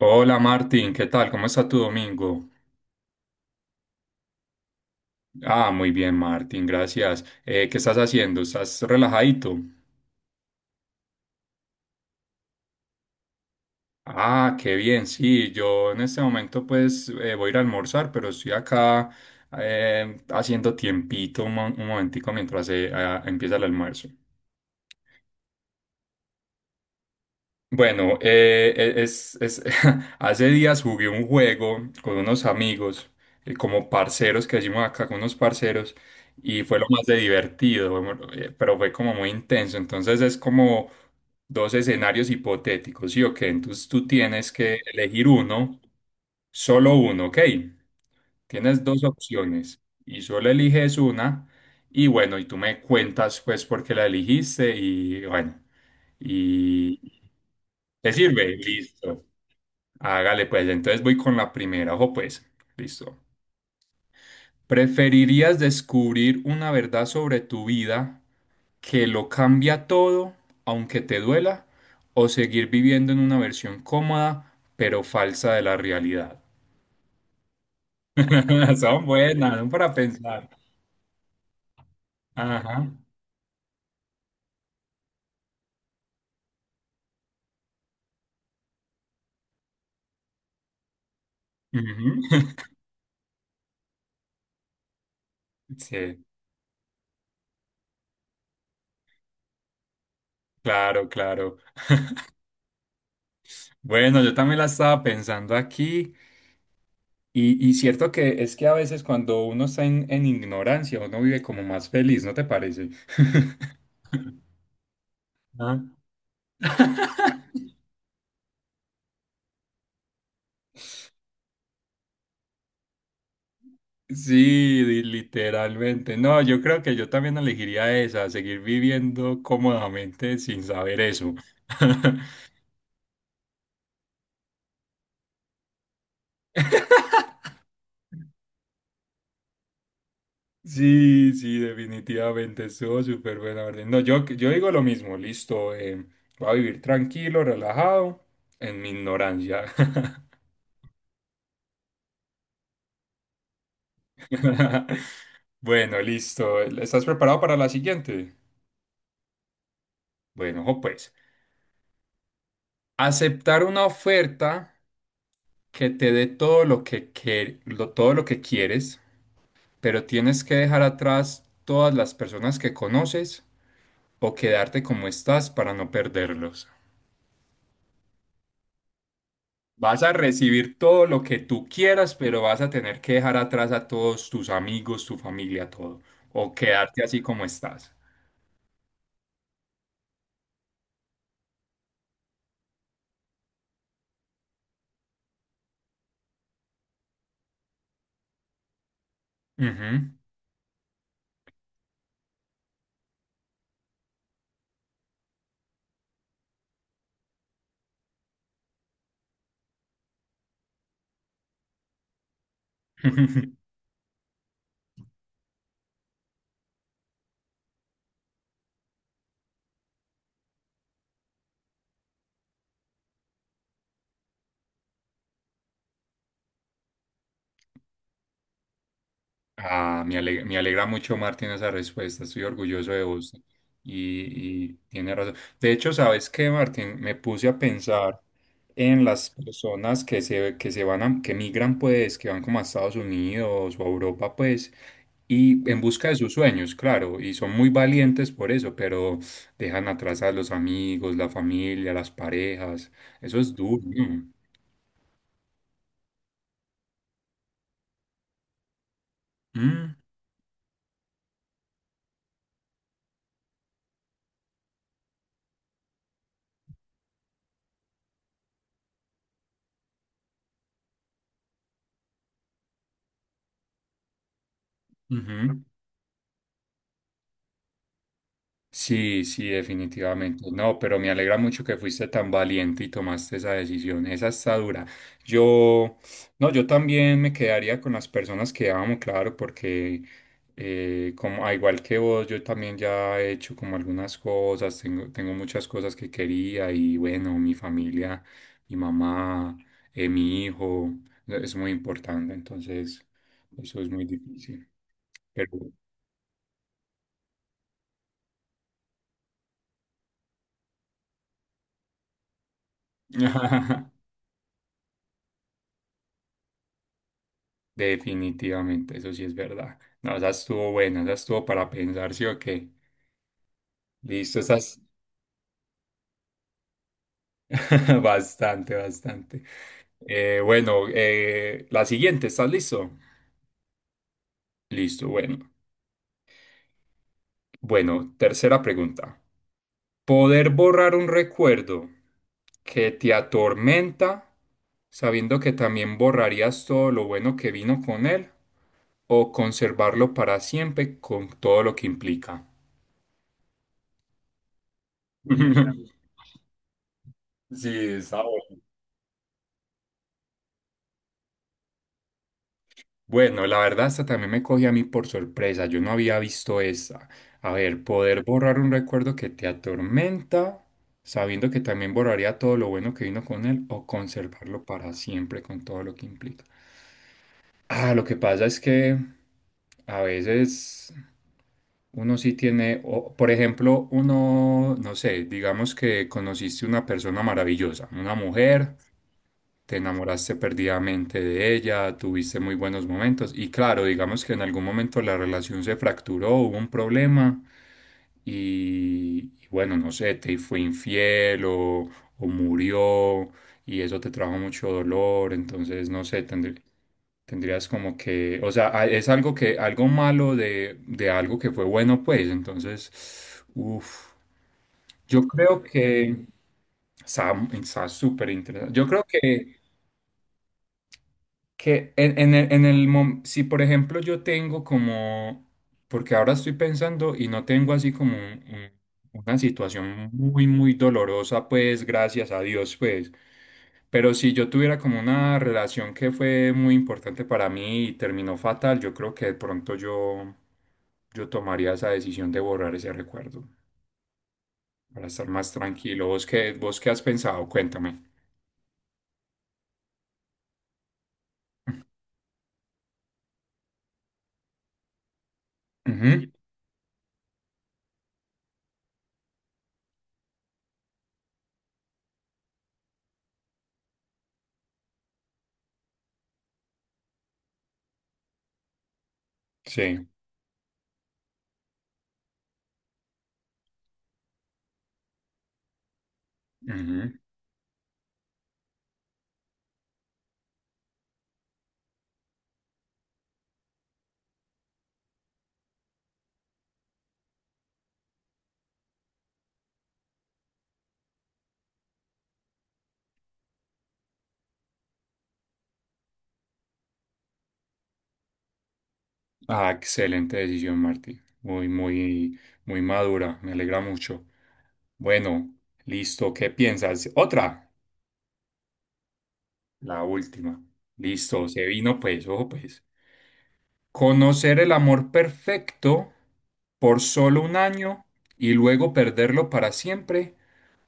Hola Martín, ¿qué tal? ¿Cómo está tu domingo? Ah, muy bien Martín, gracias. ¿Qué estás haciendo? ¿Estás relajadito? Ah, qué bien, sí, yo en este momento pues voy a ir a almorzar, pero estoy acá haciendo tiempito un momentico mientras empieza el almuerzo. Bueno, hace días jugué un juego con unos amigos, como parceros que decimos acá con unos parceros, y fue lo más de divertido. Bueno, pero fue como muy intenso. Entonces es como dos escenarios hipotéticos, ¿sí o qué? Entonces tú tienes que elegir uno, solo uno, ¿ok? Tienes dos opciones y solo eliges una, y bueno, y tú me cuentas pues por qué la eligiste, y bueno. y ¿Te sirve? Listo. Hágale pues, entonces voy con la primera. Ojo pues, listo. ¿Preferirías descubrir una verdad sobre tu vida que lo cambia todo, aunque te duela, o seguir viviendo en una versión cómoda, pero falsa de la realidad? Son buenas, son para pensar. Ajá. Ujú. Sí, claro, claro. Bueno, yo también la estaba pensando aquí. Y cierto que es que a veces cuando uno está en ignorancia, uno vive como más feliz, ¿no te parece? Ah, sí, literalmente. No, yo creo que yo también elegiría esa, seguir viviendo cómodamente sin saber eso. Sí, sí, definitivamente estuvo súper buena orden. No, yo digo lo mismo, listo, voy a vivir tranquilo, relajado, en mi ignorancia. Bueno, listo. ¿Estás preparado para la siguiente? Bueno, ojo, pues. Aceptar una oferta que te dé todo lo que, todo lo que quieres, pero tienes que dejar atrás todas las personas que conoces, o quedarte como estás para no perderlos. Vas a recibir todo lo que tú quieras, pero vas a tener que dejar atrás a todos tus amigos, tu familia, todo, o quedarte así como estás. Ujú. Ah, me alegra mucho, Martín, esa respuesta. Estoy orgulloso de vos. Y tiene razón. De hecho, ¿sabes qué, Martín? Me puse a pensar en las personas que se van a, que migran, pues, que van como a Estados Unidos o a Europa, pues, y en busca de sus sueños, claro, y son muy valientes por eso, pero dejan atrás a los amigos, la familia, las parejas. Eso es duro, ¿no? Mm, ujú. Sí, sí, definitivamente. No, pero me alegra mucho que fuiste tan valiente y tomaste esa decisión. Esa está dura. Yo, no, yo también me quedaría con las personas que amo, claro, porque como, a igual que vos, yo también ya he hecho como algunas cosas, tengo, tengo muchas cosas que quería y bueno, mi familia, mi mamá, mi hijo, e, es muy importante, entonces eso es muy difícil. Pero... Definitivamente, eso sí es verdad. No, esa estuvo buena, esa estuvo para pensar, ¿sí o qué? Listo, sí. Estás bastante, bastante. Bueno, la siguiente, ¿estás listo? Listo, bueno. Bueno, tercera pregunta. ¿Poder borrar un recuerdo que te atormenta, sabiendo que también borrarías todo lo bueno que vino con él, o conservarlo para siempre con todo lo que implica? Sí, está. Bueno, la verdad, esta también me cogió a mí por sorpresa. Yo no había visto esta. A ver, poder borrar un recuerdo que te atormenta, sabiendo que también borraría todo lo bueno que vino con él, o conservarlo para siempre con todo lo que implica. Ah, lo que pasa es que a veces uno sí tiene, o, por ejemplo, uno, no sé, digamos que conociste una persona maravillosa, una mujer, te enamoraste perdidamente de ella, tuviste muy buenos momentos y claro, digamos que en algún momento la relación se fracturó, hubo un problema y bueno, no sé, te fue infiel o murió y eso te trajo mucho dolor, entonces no sé, tendrías como que, o sea, es algo que, algo malo de algo que fue bueno, pues, entonces, uff, yo creo que está, está súper interesante. Yo creo que... Que en el si por ejemplo yo tengo como, porque ahora estoy pensando y no tengo así como una situación muy, muy dolorosa, pues gracias a Dios, pues, pero si yo tuviera como una relación que fue muy importante para mí y terminó fatal, yo creo que de pronto yo, yo tomaría esa decisión de borrar ese recuerdo para estar más tranquilo. Vos qué has pensado? Cuéntame. Ujú, sí. Ah, excelente decisión, Martí. Muy, muy, muy madura. Me alegra mucho. Bueno, listo. ¿Qué piensas? Otra. La última. Listo. Se vino, pues. Ojo, pues. Conocer el amor perfecto por solo un año y luego perderlo para siempre,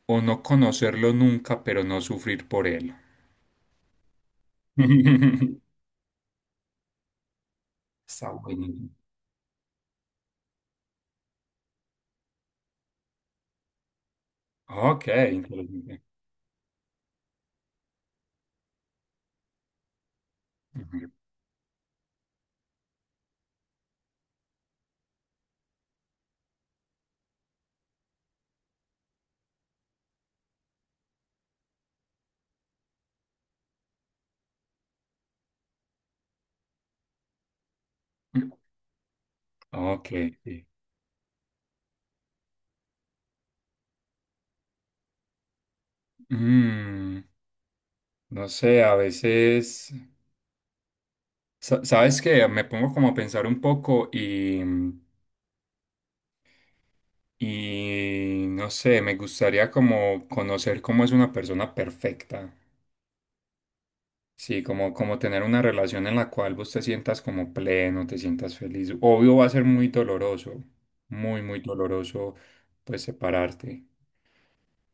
o no conocerlo nunca, pero no sufrir por él. Está bueno. Ok, interesante. Ujú. Ok, sí. Mm. No sé, a veces, ¿sabes qué? Me pongo como a pensar un poco y no sé, me gustaría como conocer cómo es una persona perfecta. Sí, como, como tener una relación en la cual vos te sientas como pleno, te sientas feliz. Obvio va a ser muy doloroso, muy, muy doloroso pues separarte.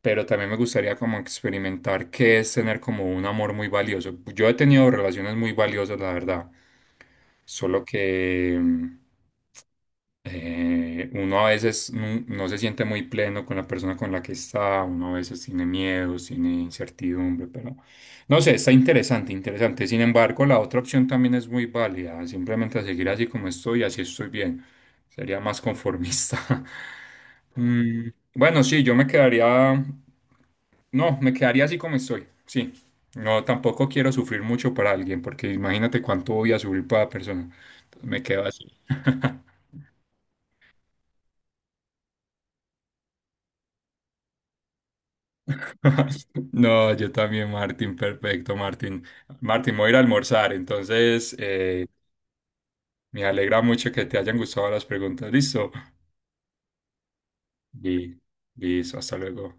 Pero también me gustaría como experimentar qué es tener como un amor muy valioso. Yo he tenido relaciones muy valiosas, la verdad. Solo que, uno a veces no, no se siente muy pleno con la persona con la que está, uno a veces tiene miedos, tiene incertidumbre, pero no sé, está interesante, interesante. Sin embargo, la otra opción también es muy válida, simplemente seguir así como estoy, así estoy bien. Sería más conformista. Mm, bueno, sí, yo me quedaría, no, me quedaría así como estoy, sí. No, tampoco quiero sufrir mucho para alguien, porque imagínate cuánto voy a sufrir para la persona. Entonces me quedo así. No, yo también, Martín, perfecto, Martín. Martín, voy a ir a almorzar, entonces me alegra mucho que te hayan gustado las preguntas. Listo. Y listo, hasta luego.